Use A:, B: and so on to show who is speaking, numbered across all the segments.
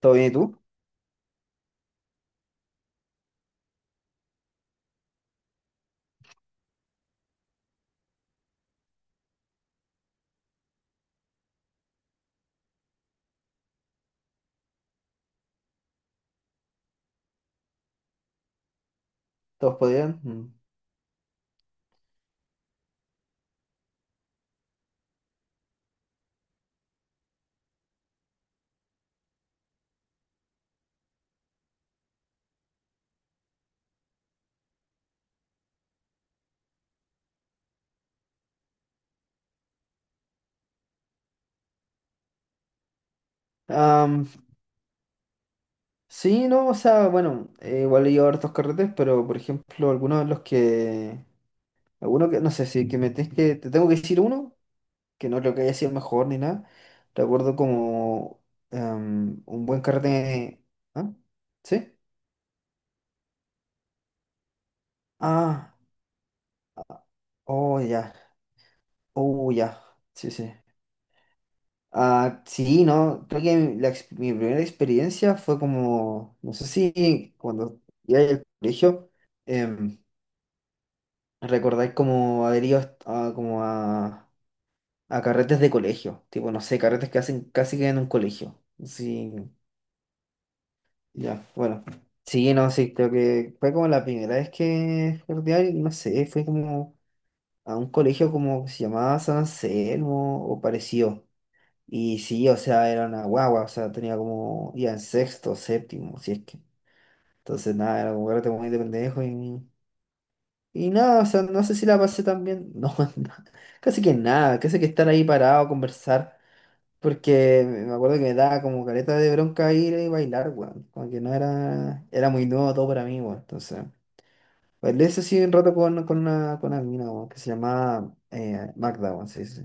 A: ¿Todo bien y tú? ¿Todos podían? Mm. Am, sí, no, o sea, bueno, igual he ido a hartos carretes, pero por ejemplo, algunos de los que. Alguno que, no sé si que me tienes que. Te tengo que decir uno, que no creo que haya sido el mejor ni nada. Recuerdo como un buen carrete. ¿Ah? ¿Sí? Ah, ah, oh, ya. Oh, ya. Sí, sí. Ah, sí, no, creo que mi primera experiencia fue como, no sé si cuando iba al colegio, em, recordáis como adheridos como a carretes de colegio, tipo, no sé, carretes que hacen casi que en un colegio. Sí, ya, bueno. Sí, no, sí, creo que fue como la primera vez que fui a rodear y no sé, fue como a un colegio como que se llamaba San Anselmo o parecido. Y sí, o sea, era una guagua, o sea, tenía como, ya en sexto, séptimo, si es que. Entonces, nada, era como carrete muy de pendejo y nada, o sea, no sé si la pasé tan bien. No, no, casi que nada, casi que estar ahí parado, conversar, porque me acuerdo que me daba como careta de bronca ir y bailar, weón. Como que no era, era muy nuevo todo para mí, weón. Entonces, bailé eso sí un rato con una mina, weón, que se llamaba Magda, weón, sí, sí,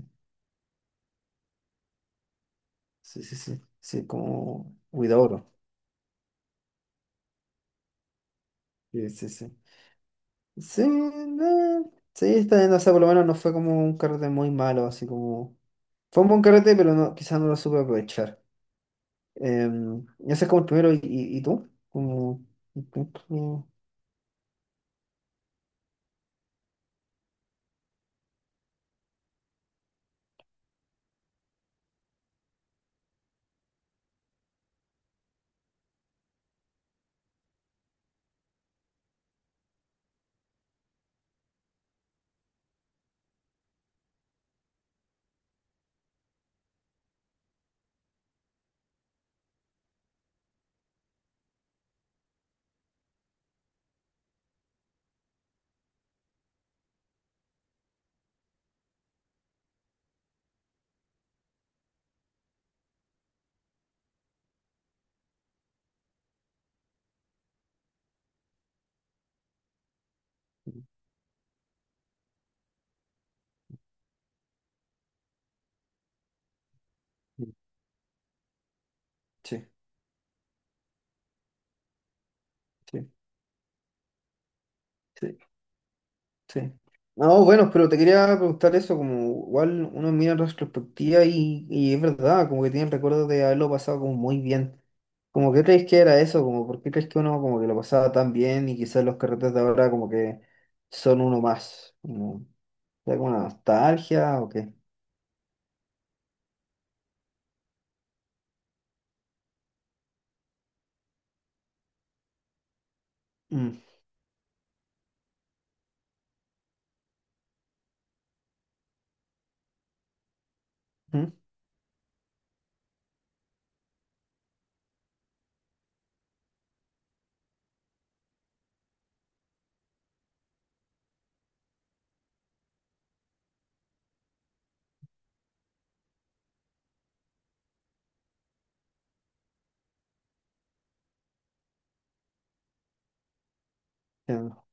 A: sí, sí, sí, sí, como Huidobro, sí, sí, sí. Sí, sí, está bien, o sea, por lo menos no fue como un carrete muy malo, así como... Fue un buen carrete, pero no, quizás no lo supe aprovechar. Ese es como el primero, ¿y tú? Como... Sí, sí, sí. Sí. No, bueno, pero te quería preguntar eso, como igual uno mira en retrospectiva y es verdad, como que tiene el recuerdo de haberlo pasado como muy bien. Como que crees que era eso, como por qué crees que uno como que lo pasaba tan bien y quizás los carretes de ahora como que son uno más. Como, ¿será como una nostalgia o qué? Mm, mm, entiendo.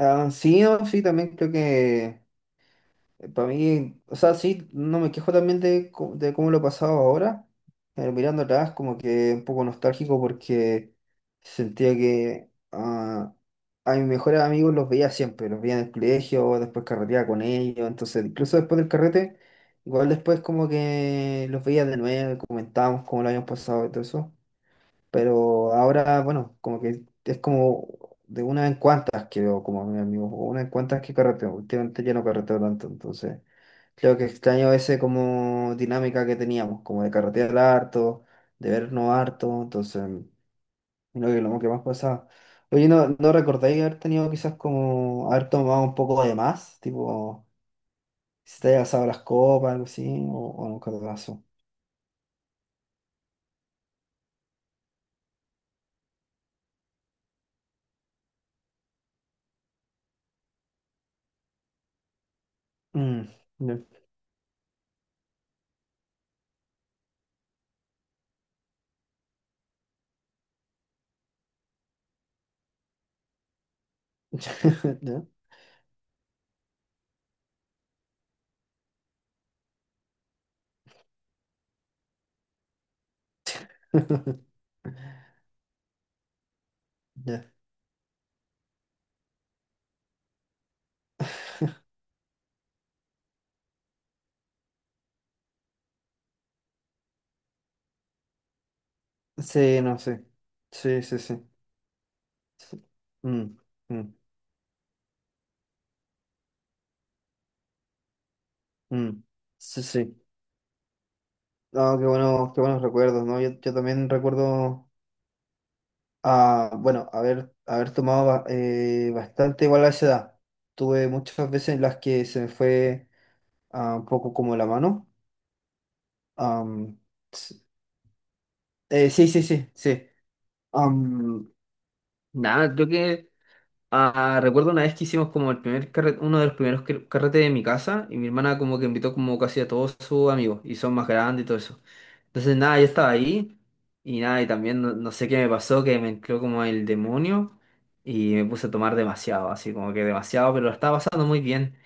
A: Ah, sí, no, sí, también creo que. Para mí, o sea, sí, no me quejo también de cómo lo he pasado ahora, pero mirando atrás como que un poco nostálgico porque sentía que a mis mejores amigos los veía siempre, los veía en el colegio, después carreteaba con ellos, entonces incluso después del carrete, igual después como que los veía de nuevo, comentábamos cómo lo habíamos pasado y todo eso. Pero ahora, bueno, como que es como de una en cuantas que veo como a mi amigo, o una en cuantas que carreteo. Últimamente ya no carreteo tanto, entonces creo que extraño ese como dinámica que teníamos, como de carretear harto, de vernos harto, entonces creo que lo que más pasaba. Oye, ¿no recordáis haber tenido quizás como haber tomado un poco de más? Tipo, si te haya pasado las copas, algo así, o nunca te pasó. Mm, ya. Ya, ya. Sí, no sé. Sí, sí, sí. Sí. Mm, mm, mm. Sí, sí. No, qué bueno, qué buenos recuerdos, ¿no? Yo también recuerdo, ah, bueno, haber tomado bastante igual a esa edad. Tuve muchas veces en las que se me fue un poco como la mano. Am, s- sí, sí, sí, sí. Am, Nada, creo que. Ah, recuerdo una vez que hicimos como el primer uno de los primeros carretes de mi casa y mi hermana como que invitó como casi a todos sus amigos y son más grandes y todo eso. Entonces nada, yo estaba ahí y nada, y también no, no sé qué me pasó, que me entró como el demonio y me puse a tomar demasiado, así como que demasiado, pero lo estaba pasando muy bien.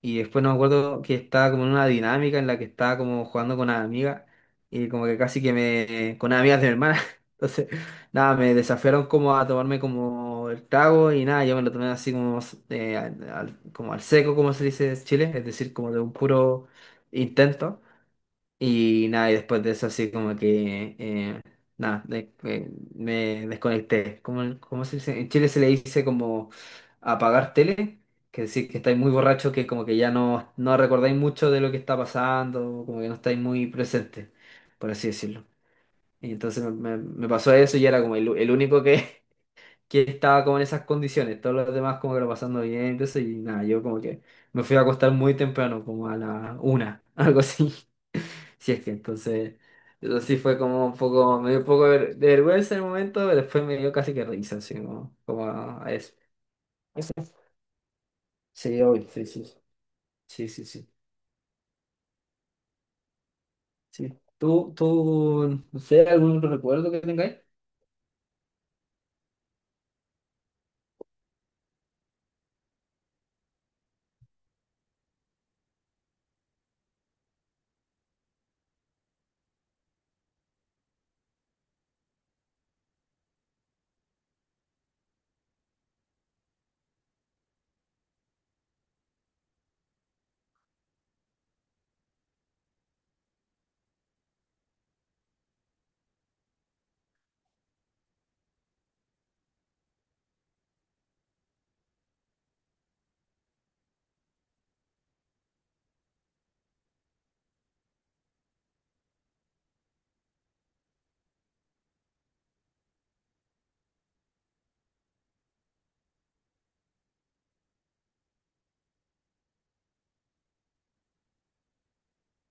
A: Y después no me acuerdo que estaba como en una dinámica en la que estaba como jugando con una amiga y como que casi que me... con unas amigas de mi hermana. Entonces, nada, me desafiaron como a tomarme como el trago y nada, yo me lo tomé así como, como al seco, como se dice en Chile, es decir, como de un puro intento. Y nada, y después de eso así como nada, me desconecté. ¿Cómo, cómo se dice? En Chile se le dice como apagar tele, que decir que estáis muy borrachos, que como que ya no, no recordáis mucho de lo que está pasando, como que no estáis muy presentes, por así decirlo. Y entonces me pasó eso y era como el único que estaba como en esas condiciones, todos los demás como que lo pasando bien, entonces, y nada, yo como que me fui a acostar muy temprano, como a la una, algo así. Si es que entonces, eso sí fue como un poco, me dio un poco de de vergüenza en el momento, pero después me dio casi que risa, así como, como a eso. Sí, hoy, sí, sí, sí, sí, sí. Sí. ¿Tú, tú, no sé, algún otro recuerdo que tengáis?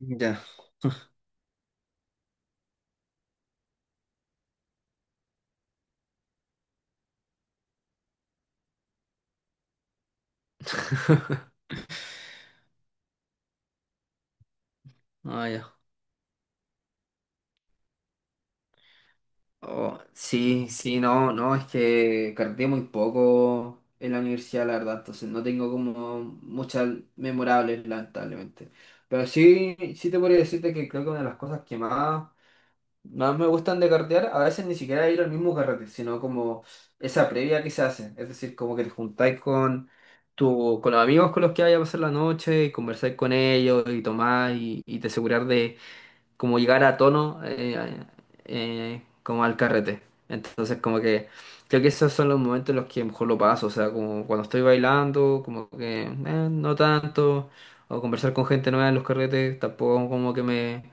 A: Ya. Ah, ya. Oh, sí, sí, no, no, es que carteé muy poco en la universidad, la verdad, entonces no tengo como muchas memorables, lamentablemente. Pero sí, sí te podría decirte que creo que una de las cosas que más, más me gustan de cartear, a veces ni siquiera ir al mismo carrete, sino como esa previa que se hace, es decir, como que te juntáis con los amigos con los que vayas a pasar la noche, y conversáis con ellos y tomás y te asegurar de como llegar a tono como al carrete. Entonces como que creo que esos son los momentos en los que mejor lo paso, o sea, como cuando estoy bailando, como que no tanto, o conversar con gente nueva en los carretes, tampoco como que me,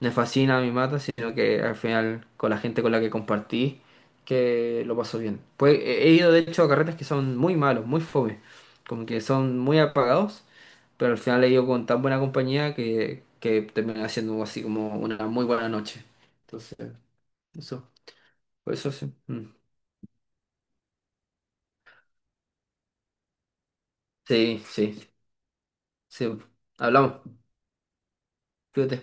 A: me fascina, me mata, sino que al final con la gente con la que compartí, que lo paso bien. Pues he ido de hecho a carretes que son muy malos, muy fome, como que son muy apagados, pero al final he ido con tan buena compañía que termina siendo así como una muy buena noche. Entonces, eso, por eso sí. Mm. Sí, sí, sí. Hablamos, cuídate.